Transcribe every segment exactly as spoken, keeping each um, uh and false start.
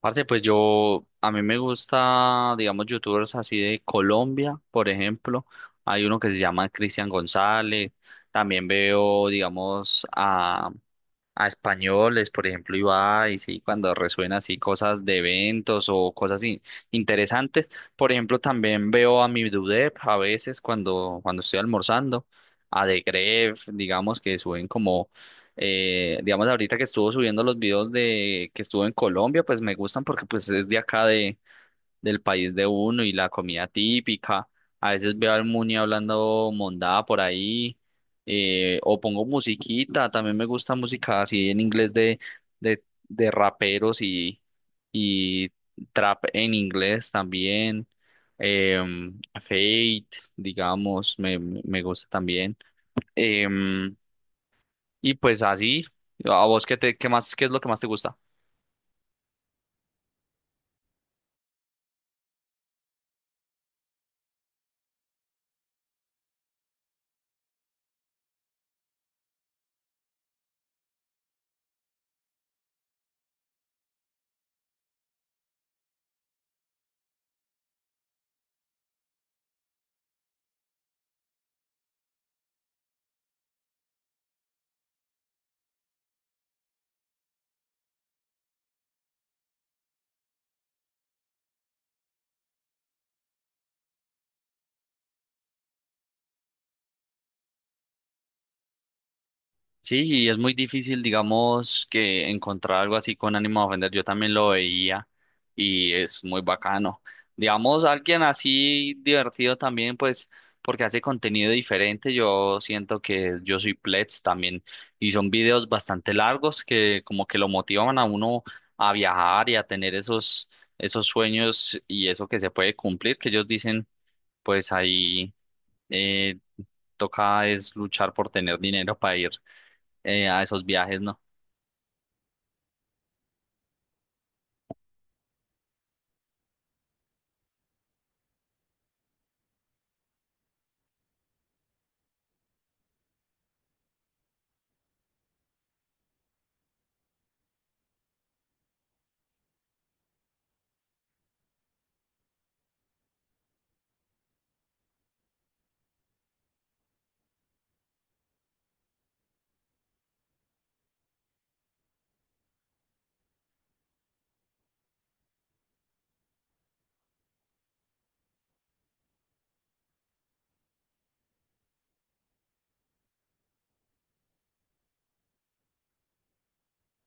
Parce, pues yo, a mí me gusta, digamos, youtubers así de Colombia, por ejemplo. Hay uno que se llama Cristian González. También veo, digamos, a, a españoles, por ejemplo, Ibai, sí, cuando resuenan así cosas de eventos o cosas in- interesantes. Por ejemplo, también veo a mi Dudep a veces cuando, cuando estoy almorzando, a The Gref, digamos, que suben como eh, digamos, ahorita que estuvo subiendo los videos de que estuvo en Colombia, pues me gustan porque pues es de acá de, del país de uno y la comida típica. A veces veo al Muni hablando mondada por ahí, eh, o pongo musiquita, también me gusta música así en inglés de, de, de raperos y, y trap en inglés también. Eh, Fate, digamos, me, me gusta también. Em, y pues así, ¿a vos qué te, qué más, qué es lo que más te gusta? Sí, y es muy difícil, digamos, que encontrar algo así con ánimo de ofender. Yo también lo veía y es muy bacano. Digamos, alguien así divertido también, pues, porque hace contenido diferente. Yo siento que yo soy Plets también y son videos bastante largos que como que lo motivan a uno a viajar y a tener esos, esos sueños y eso que se puede cumplir, que ellos dicen, pues ahí. eh, toca es luchar por tener dinero para ir eh, a esos viajes, ¿no?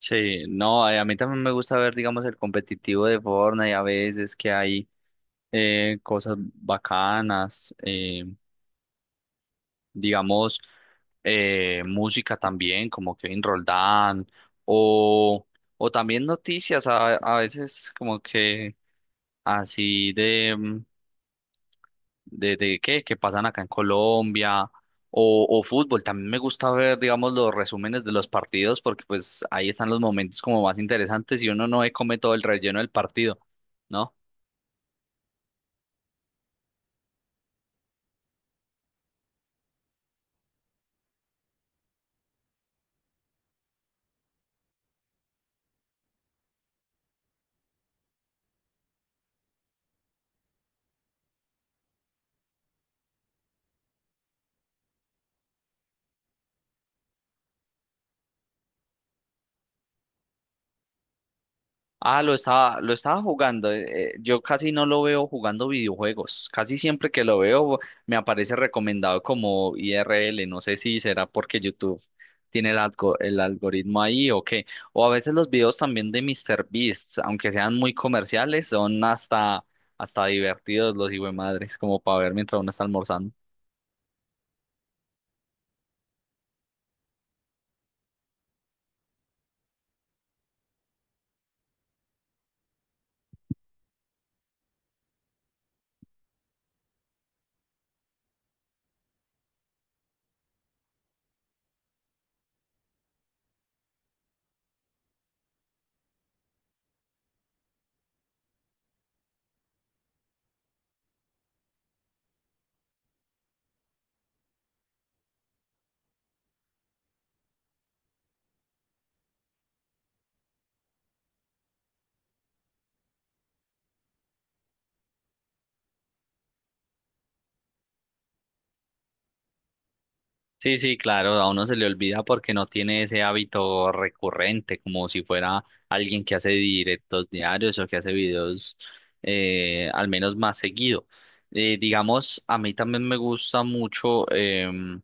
Sí, no, eh, a mí también me gusta ver, digamos, el competitivo de Fortnite, a veces que hay eh, cosas bacanas, eh, digamos, eh, música también, como Kevin Roldán, o, o también noticias, a, a veces como que así de, mm, de, de qué, que pasan acá en Colombia o, o fútbol. También me gusta ver, digamos, los resúmenes de los partidos porque pues ahí están los momentos como más interesantes y uno no se come todo el relleno del partido, ¿no? Ah, lo estaba, lo estaba jugando. Eh, yo casi no lo veo jugando videojuegos. Casi siempre que lo veo me aparece recomendado como I R L. No sé si será porque YouTube tiene el, algo- el algoritmo ahí o qué. O a veces los videos también de MrBeast, aunque sean muy comerciales, son hasta, hasta divertidos los madres, como para ver mientras uno está almorzando. Sí, sí, claro, a uno se le olvida porque no tiene ese hábito recurrente, como si fuera alguien que hace directos diarios o que hace videos eh, al menos más seguido. Eh, digamos, a mí también me gusta mucho, em,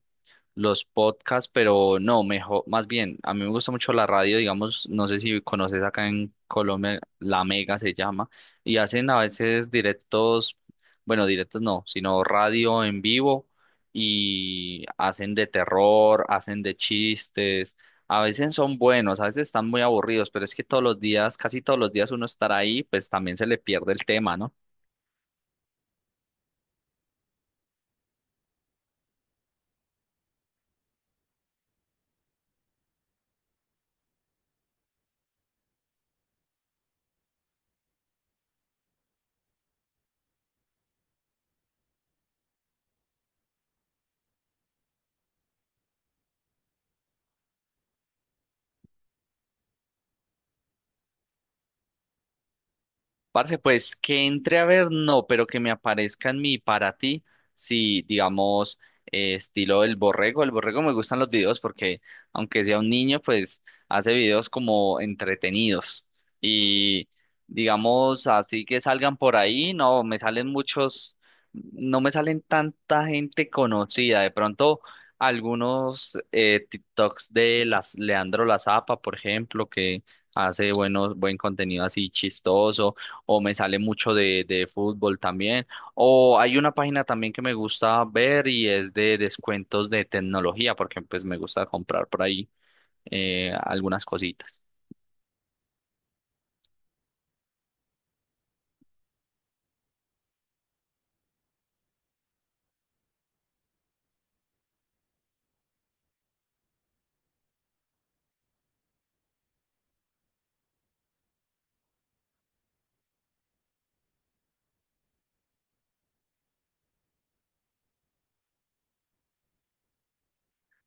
los podcasts, pero no, mejor, más bien, a mí me gusta mucho la radio, digamos, no sé si conoces acá en Colombia, La Mega se llama, y hacen a veces directos, bueno, directos no, sino radio en vivo y hacen de terror, hacen de chistes, a veces son buenos, a veces están muy aburridos, pero es que todos los días, casi todos los días uno estar ahí, pues también se le pierde el tema, ¿no? Parce, pues que entre a ver, no, pero que me aparezca en mi para ti, si digamos, eh, estilo el borrego. El borrego me gustan los videos porque, aunque sea un niño, pues hace videos como entretenidos. Y digamos, así que salgan por ahí, no, me salen muchos, no me salen tanta gente conocida. De pronto, algunos eh, TikToks de las Leandro La Zapa, por ejemplo, que hace buenos, buen contenido así chistoso o me sale mucho de, de fútbol también. O hay una página también que me gusta ver y es de descuentos de tecnología, porque pues me gusta comprar por ahí eh, algunas cositas.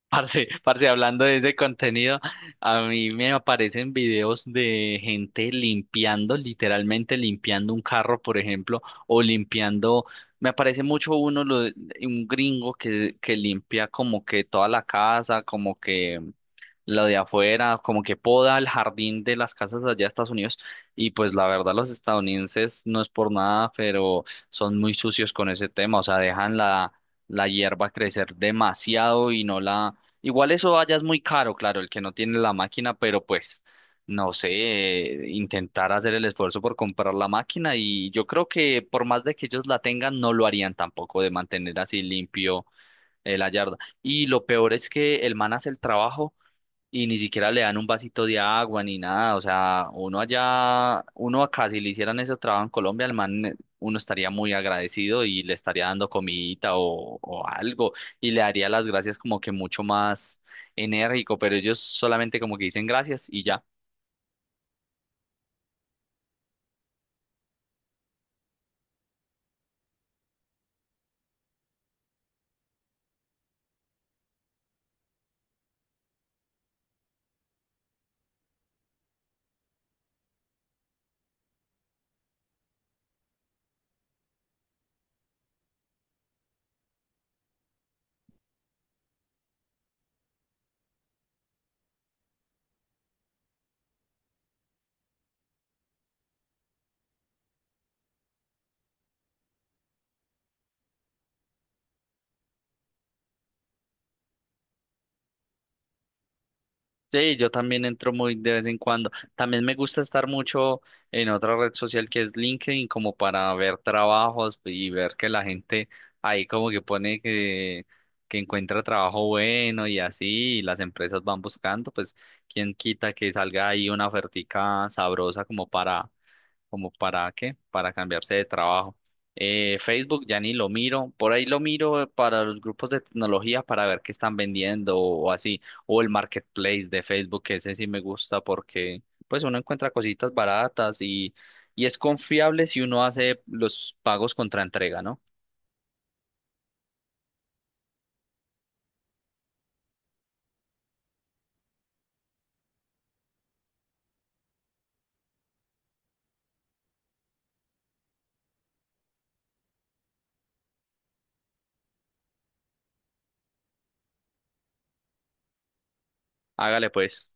Parce, parce, hablando de ese contenido, a mí me aparecen videos de gente limpiando, literalmente limpiando un carro, por ejemplo, o limpiando, me aparece mucho uno, lo de- un gringo que, que limpia como que toda la casa, como que lo de afuera, como que poda el jardín de las casas allá de Estados Unidos. Y pues la verdad, los estadounidenses no es por nada, pero son muy sucios con ese tema. O sea, dejan la, la hierba crecer demasiado y no la. Igual eso allá es muy caro, claro, el que no tiene la máquina, pero pues, no sé, eh, intentar hacer el esfuerzo por comprar la máquina. Y yo creo que por más de que ellos la tengan, no lo harían tampoco de mantener así limpio. eh, la yarda. Y lo peor es que el man hace el trabajo y ni siquiera le dan un vasito de agua ni nada. O sea, uno allá, uno acá, si le hicieran ese trabajo en Colombia, al man, eh, uno estaría muy agradecido y le estaría dando comidita o, o algo y le daría las gracias como que mucho más enérgico, pero ellos solamente como que dicen gracias y ya. Sí, yo también entro muy de vez en cuando. También me gusta estar mucho en otra red social que es LinkedIn, como para ver trabajos y ver que la gente ahí como que pone que, que encuentra trabajo bueno y así, y las empresas van buscando, pues quién quita que salga ahí una ofertica sabrosa como para como para qué, para cambiarse de trabajo. Eh, Facebook ya ni lo miro, por ahí lo miro para los grupos de tecnología para ver qué están vendiendo o así, o el marketplace de Facebook, que ese sí me gusta porque pues uno encuentra cositas baratas y, y es confiable si uno hace los pagos contra entrega, ¿no? Hágale pues.